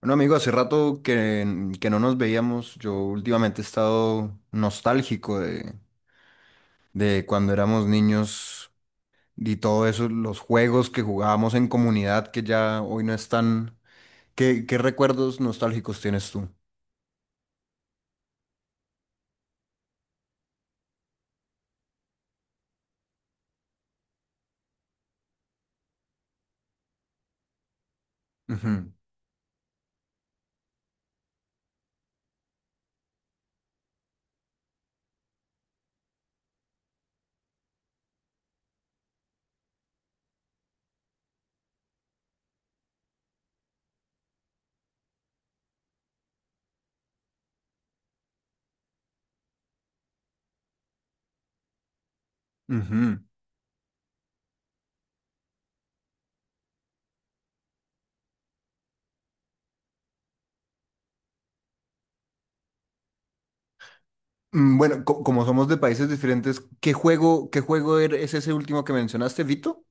Bueno, amigo, hace rato que no nos veíamos. Yo últimamente he estado nostálgico de cuando éramos niños y todo eso, los juegos que jugábamos en comunidad que ya hoy no están. ¿Qué recuerdos nostálgicos tienes tú? Ujú, ujú. Bueno, como somos de países diferentes, ¿qué juego es ese último que mencionaste, Vito?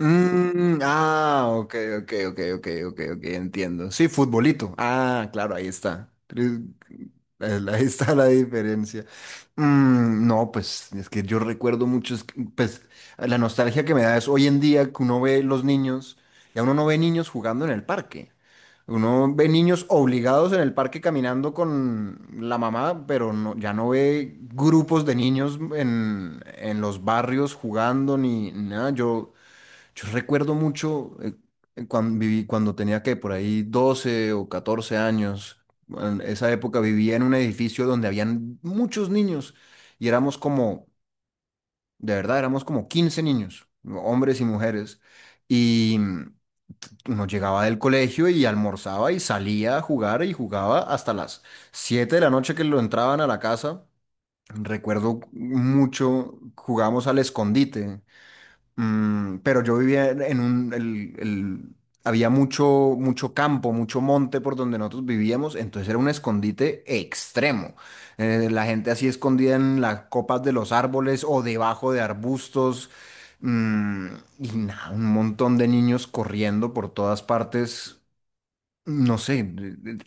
Mm, ah, ok, ok, ok, ok, ok, ok, entiendo. Sí, futbolito. Ah, claro, ahí está. Ahí está la diferencia. No, pues es que yo recuerdo muchos, pues la nostalgia que me da es hoy en día que uno ve los niños, ya uno no ve niños jugando en el parque, uno ve niños obligados en el parque caminando con la mamá, pero no, ya no ve grupos de niños en los barrios jugando ni nada. Yo recuerdo mucho cuando viví, cuando tenía que por ahí 12 o 14 años. En esa época vivía en un edificio donde habían muchos niños y éramos como, de verdad, éramos como 15 niños, hombres y mujeres. Y uno llegaba del colegio y almorzaba y salía a jugar y jugaba hasta las 7 de la noche que lo entraban a la casa. Recuerdo mucho, jugamos al escondite. Pero yo vivía en un, había mucho, mucho campo, mucho monte por donde nosotros vivíamos, entonces era un escondite extremo. La gente así escondida en las copas de los árboles o debajo de arbustos. mm, y nada, un montón de niños corriendo por todas partes. No sé,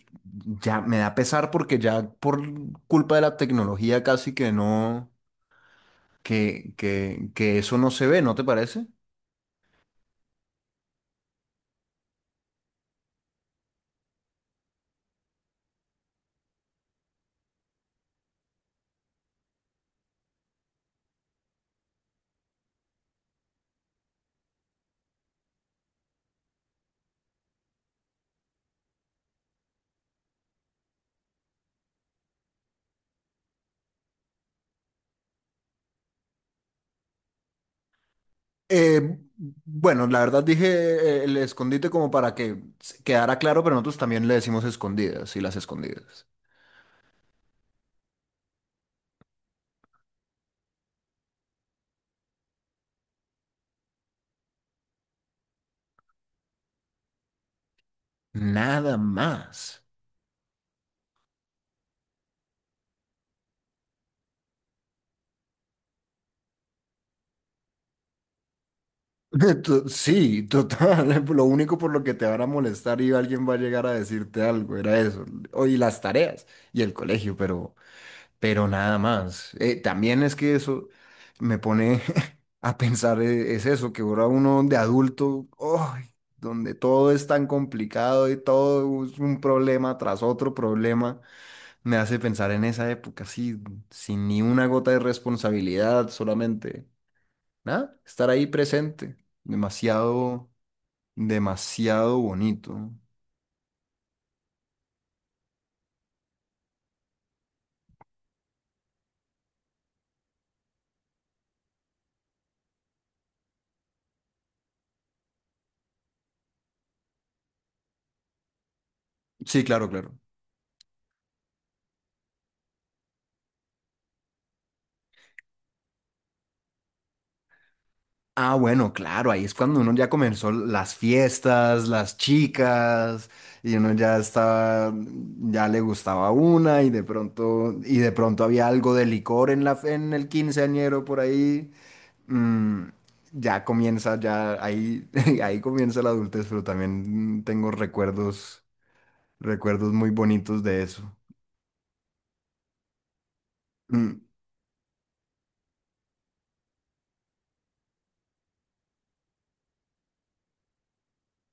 ya me da pesar porque ya por culpa de la tecnología casi que no, que eso no se ve, ¿no te parece? Eh, bueno, la verdad dije el escondite como para que se quedara claro, pero nosotros también le decimos escondidas y las escondidas. Nada más. Sí, total. Lo único por lo que te van a molestar y alguien va a llegar a decirte algo, era eso. Oye, las tareas y el colegio, pero nada más. También es que eso me pone a pensar, es eso, que ahora uno de adulto, ¡ay!, donde todo es tan complicado y todo es un problema tras otro problema, me hace pensar en esa época, así, sin ni una gota de responsabilidad, solamente, nada, estar ahí presente, demasiado, demasiado bonito. Sí, claro, claro. Ah, bueno, claro, ahí es cuando uno ya comenzó las fiestas, las chicas, y uno ya estaba, ya le gustaba una, y de pronto había algo de licor en la, en el quinceañero por ahí. Mm, ya comienza, ya ahí, ahí comienza la adultez, pero también tengo recuerdos, recuerdos muy bonitos de eso. Mm,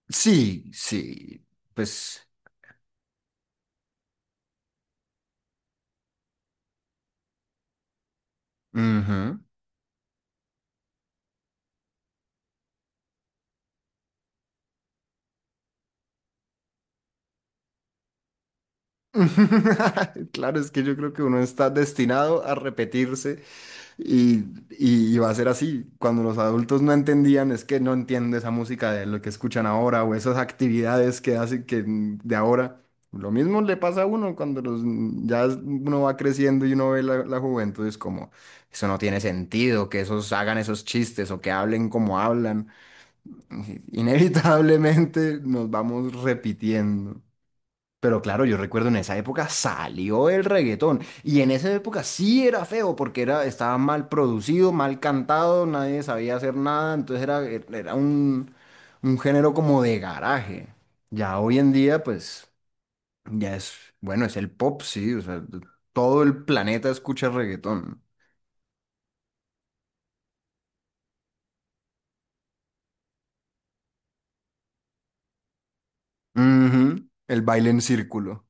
sí, sí, pues, ujú. Claro, es que yo creo que uno está destinado a repetirse y, y va a ser así. Cuando los adultos no entendían, es que no entiende esa música de lo que escuchan ahora o esas actividades que hacen que de ahora. Lo mismo le pasa a uno cuando los, mm, ya es- uno va creciendo y uno ve la juventud, es como, eso no tiene sentido, que esos hagan esos chistes o que hablen como hablan. Inevitablemente nos vamos repitiendo. Pero claro, yo recuerdo en esa época salió el reggaetón y en esa época sí era feo porque era, estaba mal producido, mal cantado, nadie sabía hacer nada, entonces era un género como de garaje. Ya hoy en día pues ya es, bueno, es el pop, sí, o sea, todo el planeta escucha reggaetón. Ujú, el baile en círculo.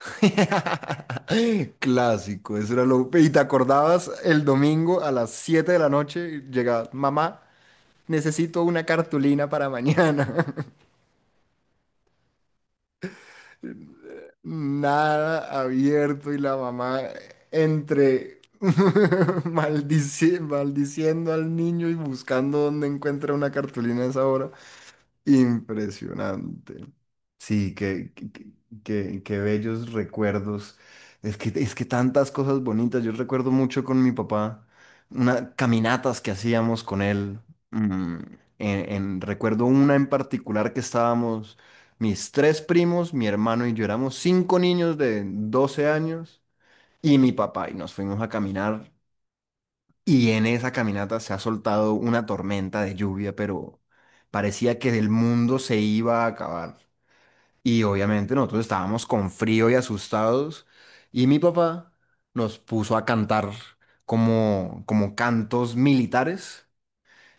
Clásico, eso era lo... Y te acordabas el domingo a las 7 de la noche, llegaba mamá. Necesito una cartulina para mañana. Nada abierto y la mamá entre maldiciendo al niño y buscando dónde encuentra una cartulina a esa hora. Impresionante. Sí, qué bellos recuerdos. Es que tantas cosas bonitas. Yo recuerdo mucho con mi papá, unas caminatas que hacíamos con él. mm, recuerdo una en particular que estábamos, mis tres primos, mi hermano y yo éramos cinco niños de 12 años y mi papá y nos fuimos a caminar, y en esa caminata se ha soltado una tormenta de lluvia, pero parecía que el mundo se iba a acabar. Y obviamente nosotros estábamos con frío y asustados, y mi papá nos puso a cantar como, como cantos militares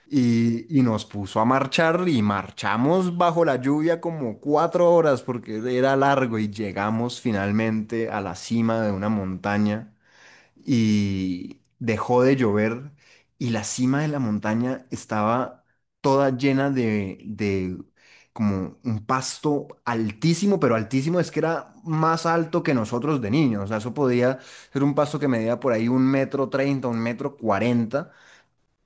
y nos puso a marchar y marchamos bajo la lluvia como 4 horas, porque era largo, y llegamos finalmente a la cima de una montaña, y dejó de llover, y la cima de la montaña estaba toda llena de como un pasto altísimo, pero altísimo, es que era más alto que nosotros de niños. O sea, eso podía ser un pasto que medía por ahí un metro treinta, un metro cuarenta.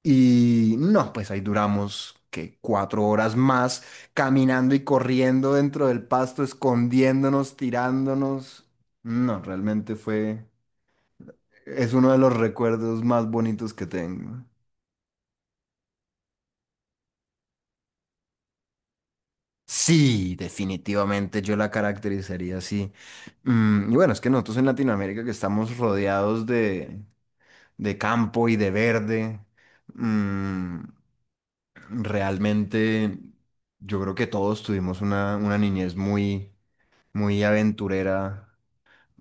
Y no, pues ahí duramos que 4 horas más caminando y corriendo dentro del pasto, escondiéndonos, tirándonos. No, realmente fue es uno de los recuerdos más bonitos que tengo. Sí, definitivamente yo la caracterizaría así. Y bueno, es que nosotros en Latinoamérica que estamos rodeados de campo y de verde, mm, realmente yo creo que todos tuvimos una niñez muy, muy aventurera.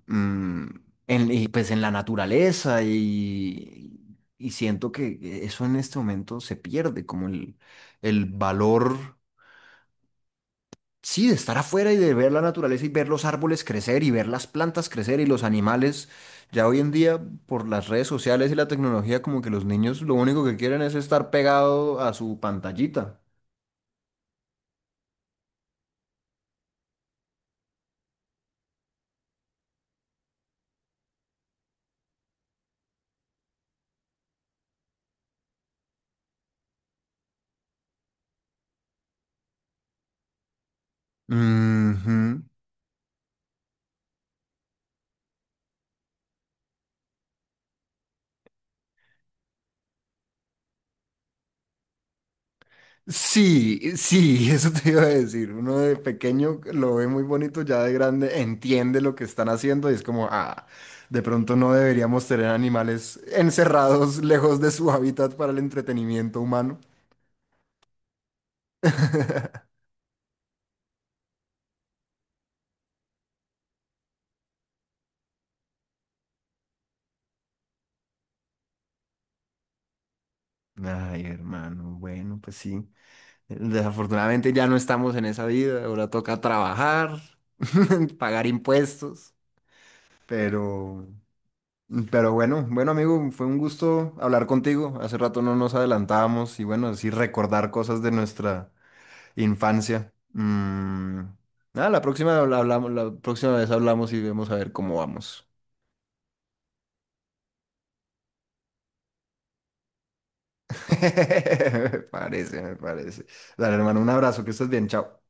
mm, y pues en la naturaleza y siento que eso en este momento se pierde, como el valor, sí, de estar afuera y de ver la naturaleza y ver los árboles crecer y ver las plantas crecer y los animales. Ya hoy en día, por las redes sociales y la tecnología, como que los niños lo único que quieren es estar pegado a su pantallita. Ujú. Sí, sí, eso te iba a decir. Uno de pequeño lo ve muy bonito, ya de grande entiende lo que están haciendo y es como, ah, de pronto no deberíamos tener animales encerrados lejos de su hábitat para el entretenimiento humano. Ay, hermano, bueno, pues sí. Desafortunadamente ya no estamos en esa vida, ahora toca trabajar, pagar impuestos, pero... Pero bueno, bueno amigo, fue un gusto hablar contigo. Hace rato no nos adelantábamos y bueno, así recordar cosas de nuestra infancia. Mm, nada, la próxima habla- hablamos, la próxima vez hablamos y vemos a ver cómo vamos. Me parece, me parece. Dale, hermano, un abrazo, que estés bien, chao.